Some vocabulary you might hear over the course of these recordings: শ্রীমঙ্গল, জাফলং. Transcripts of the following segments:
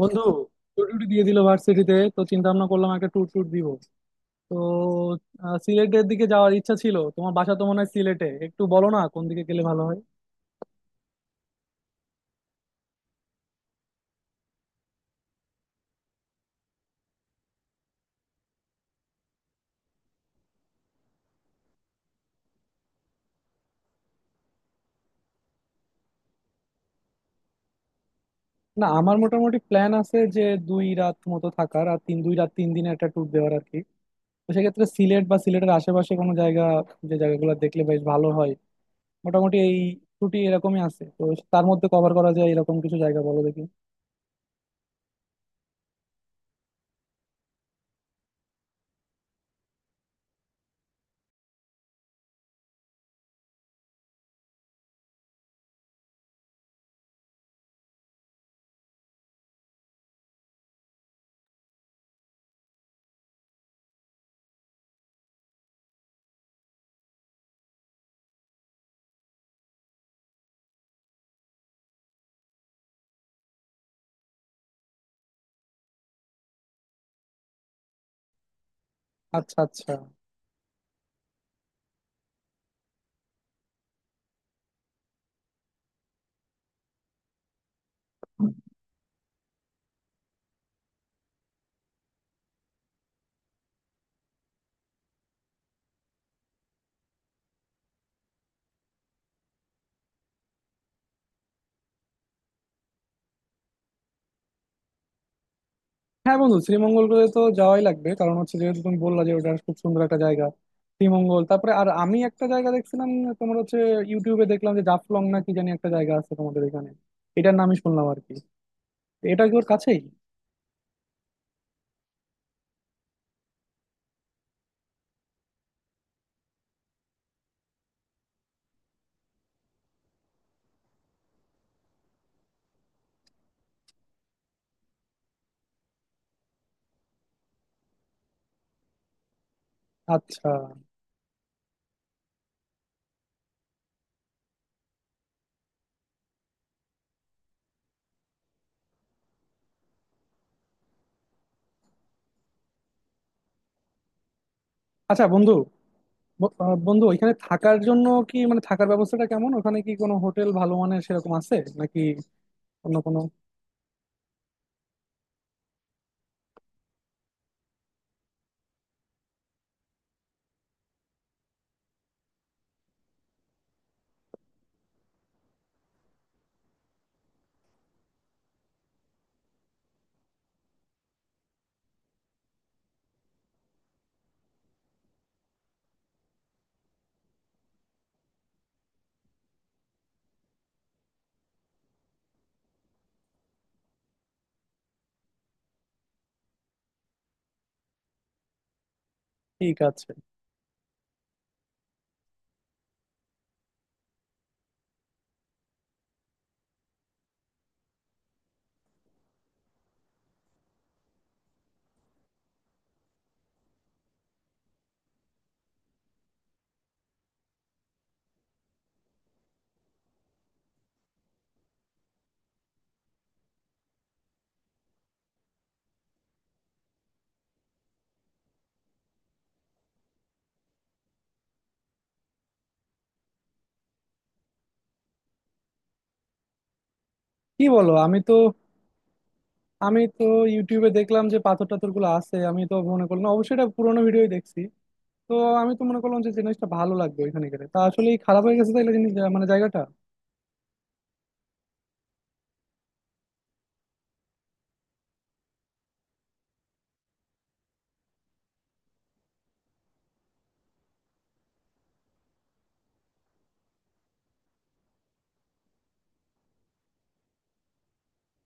বন্ধু টুর টুটি দিয়ে দিল ভার্সিটিতে, তো চিন্তা ভাবনা করলাম একটা ট্যুর ট্যুর দিব। তো সিলেটের দিকে যাওয়ার ইচ্ছা ছিল। তোমার বাসা তো মনে হয় সিলেটে, একটু বলো না কোন দিকে গেলে ভালো হয়। না আমার মোটামুটি প্ল্যান আছে যে দুই রাত মতো থাকার, আর দুই রাত তিন দিনের একটা ট্যুর দেওয়ার আর কি। তো সেক্ষেত্রে সিলেট বা সিলেটের আশেপাশে কোনো জায়গা, যে জায়গাগুলো দেখলে বেশ ভালো হয়। মোটামুটি এই ছুটি এরকমই আছে তো, তার মধ্যে কভার করা যায় এরকম কিছু জায়গা বলো দেখি। আচ্ছা আচ্ছা। হ্যাঁ বন্ধু, শ্রীমঙ্গল করে তো যাওয়াই লাগবে, কারণ হচ্ছে যেহেতু তুমি বললা যে ওটা খুব সুন্দর একটা জায়গা। শ্রীমঙ্গল, তারপরে আর আমি একটা জায়গা দেখছিলাম তোমার হচ্ছে, ইউটিউবে দেখলাম যে জাফলং না কি জানি একটা জায়গা আছে তোমাদের এখানে। এটার নামই শুনলাম আর কি। এটা কি ওর কাছেই? আচ্ছা আচ্ছা। বন্ধু, বন্ধু ওইখানে থাকার জন্য কি মানে থাকার ব্যবস্থাটা কেমন? ওখানে কি কোনো হোটেল ভালো মানের সেরকম আছে নাকি অন্য কোনো? ঠিক আছে। কি বলো! আমি তো ইউটিউবে দেখলাম যে পাথর টাথর গুলো আছে, আমি তো মনে করলাম অবশ্যই এটা পুরোনো ভিডিওই দেখছি। তো আমি তো মনে করলাম যে জিনিসটা ভালো লাগবে ওইখানে গেলে, তা আসলেই খারাপ হয়ে গেছে তাইলে জিনিস মানে জায়গাটা।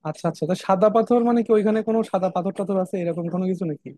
আচ্ছা আচ্ছা, তা সাদা পাথর মানে কি ওইখানে কোনো সাদা পাথর টাথর আছে এরকম কোনো কিছু নাকি?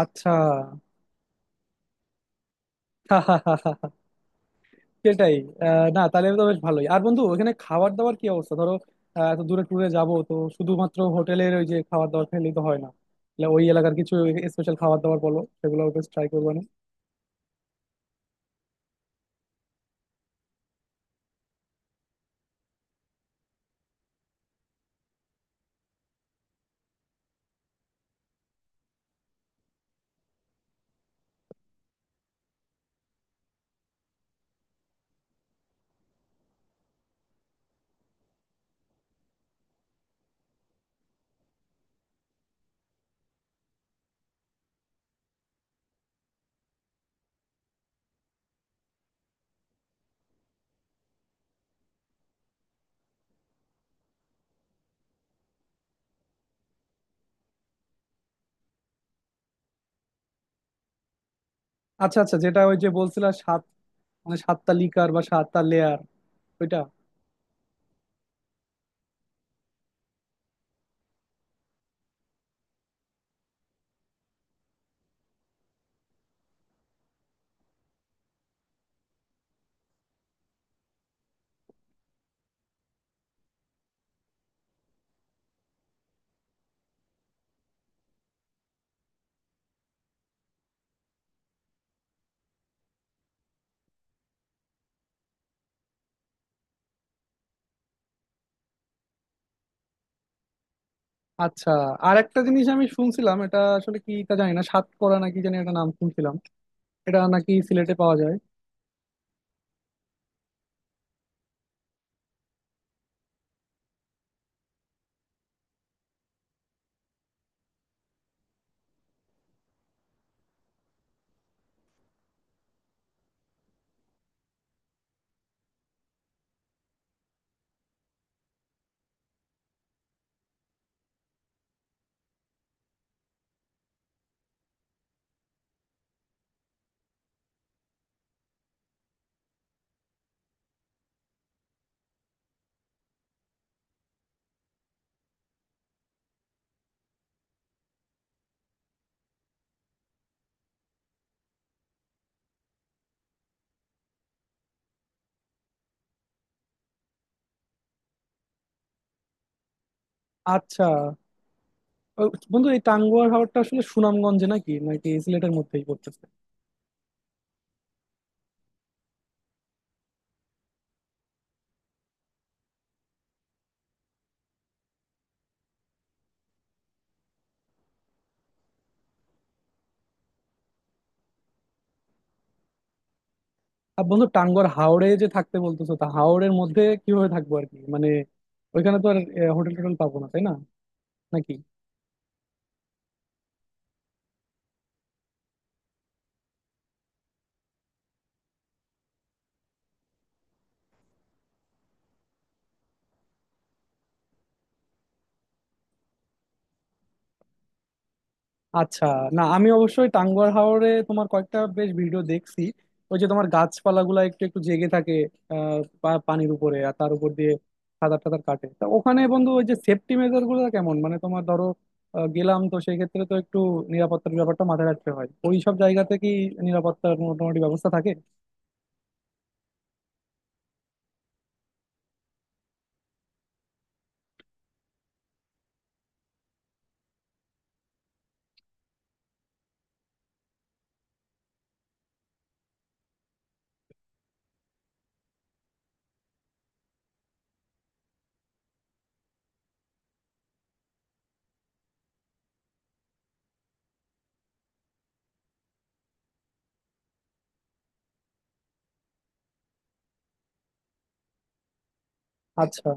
আচ্ছা। সেটাই। আহ, না, তাহলে তো বেশ ভালোই। আর বন্ধু, ওখানে খাবার দাবার কি অবস্থা, ধরো এত দূরে ট্যুরে যাব তো শুধুমাত্র হোটেলের ওই যে খাবার দাবার খেলেই তো হয় না। তাহলে ওই এলাকার কিছু স্পেশাল খাবার দাবার বলো, সেগুলো বেশ ট্রাই করবো না? আচ্ছা আচ্ছা, যেটা ওই যে বলছিলা সাত, মানে সাতটা লিকার বা সাতটা লেয়ার? ওইটা। আচ্ছা। আর একটা জিনিস আমি শুনছিলাম, এটা আসলে কি তা জানি না, সাতকরা নাকি জানি একটা নাম শুনছিলাম। এটা নাকি সিলেটে পাওয়া যায়? আচ্ছা। ও, বন্ধু এই টাঙ্গুয়ার হাওরটা আসলে সুনামগঞ্জে নাকি নাকি সিলেটের মধ্যেই পড়তেছে? আর বন্ধু, টাঙ্গুয়ার হাওরে যে থাকতে বলতেছো, তা হাওরের মধ্যে কিভাবে থাকবো আর কি, মানে ওইখানে তো আর হোটেল টোটেল পাবো না তাই না, নাকি? আচ্ছা। না আমি অবশ্যই টাঙ্গুয়ার হাওরে তোমার কয়েকটা বেশ ভিডিও দেখছি। ওই যে তোমার গাছপালাগুলা একটু একটু জেগে থাকে পানির উপরে, আর তার উপর দিয়ে সাঁতার টাতার কাটে। তা ওখানে বন্ধু, ওই যে সেফটি মেজার গুলো কেমন? মানে তোমার ধরো গেলাম, তো সেই ক্ষেত্রে তো একটু নিরাপত্তার ব্যাপারটা মাথায় রাখতে হয়। ওই সব জায়গাতে কি নিরাপত্তার মোটামুটি ব্যবস্থা থাকে? আচ্ছা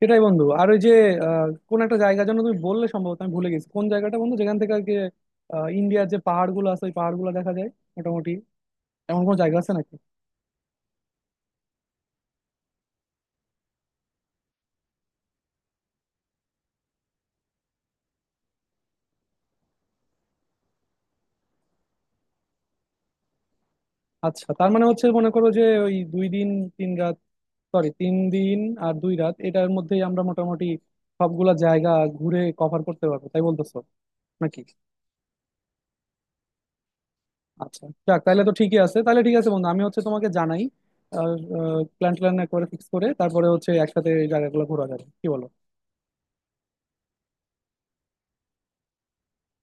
সেটাই বন্ধু। আর ওই যে কোন একটা জায়গার জন্য তুমি বললে, সম্ভবত আমি ভুলে গেছি কোন জায়গাটা বন্ধু, যেখান থেকে আর কি ইন্ডিয়ার যে পাহাড়গুলো আছে ওই পাহাড়গুলো দেখা যায় মোটামুটি। এমন কোনো জায়গা আছে নাকি? আচ্ছা, তার মানে হচ্ছে মনে করো যে ওই দুই দিন তিন রাত, সরি তিন দিন আর দুই রাত, এটার মধ্যেই আমরা মোটামুটি সবগুলা জায়গা ঘুরে কভার করতে পারবো তাই বলতেছো নাকি? আচ্ছা যাক, তাহলে তো ঠিকই আছে। তাহলে ঠিক আছে বন্ধু, আমি হচ্ছে তোমাকে জানাই আর প্ল্যান ট্যান করে ফিক্স করে তারপরে হচ্ছে একসাথে এই জায়গাগুলো ঘোরা যাবে, কি বলো?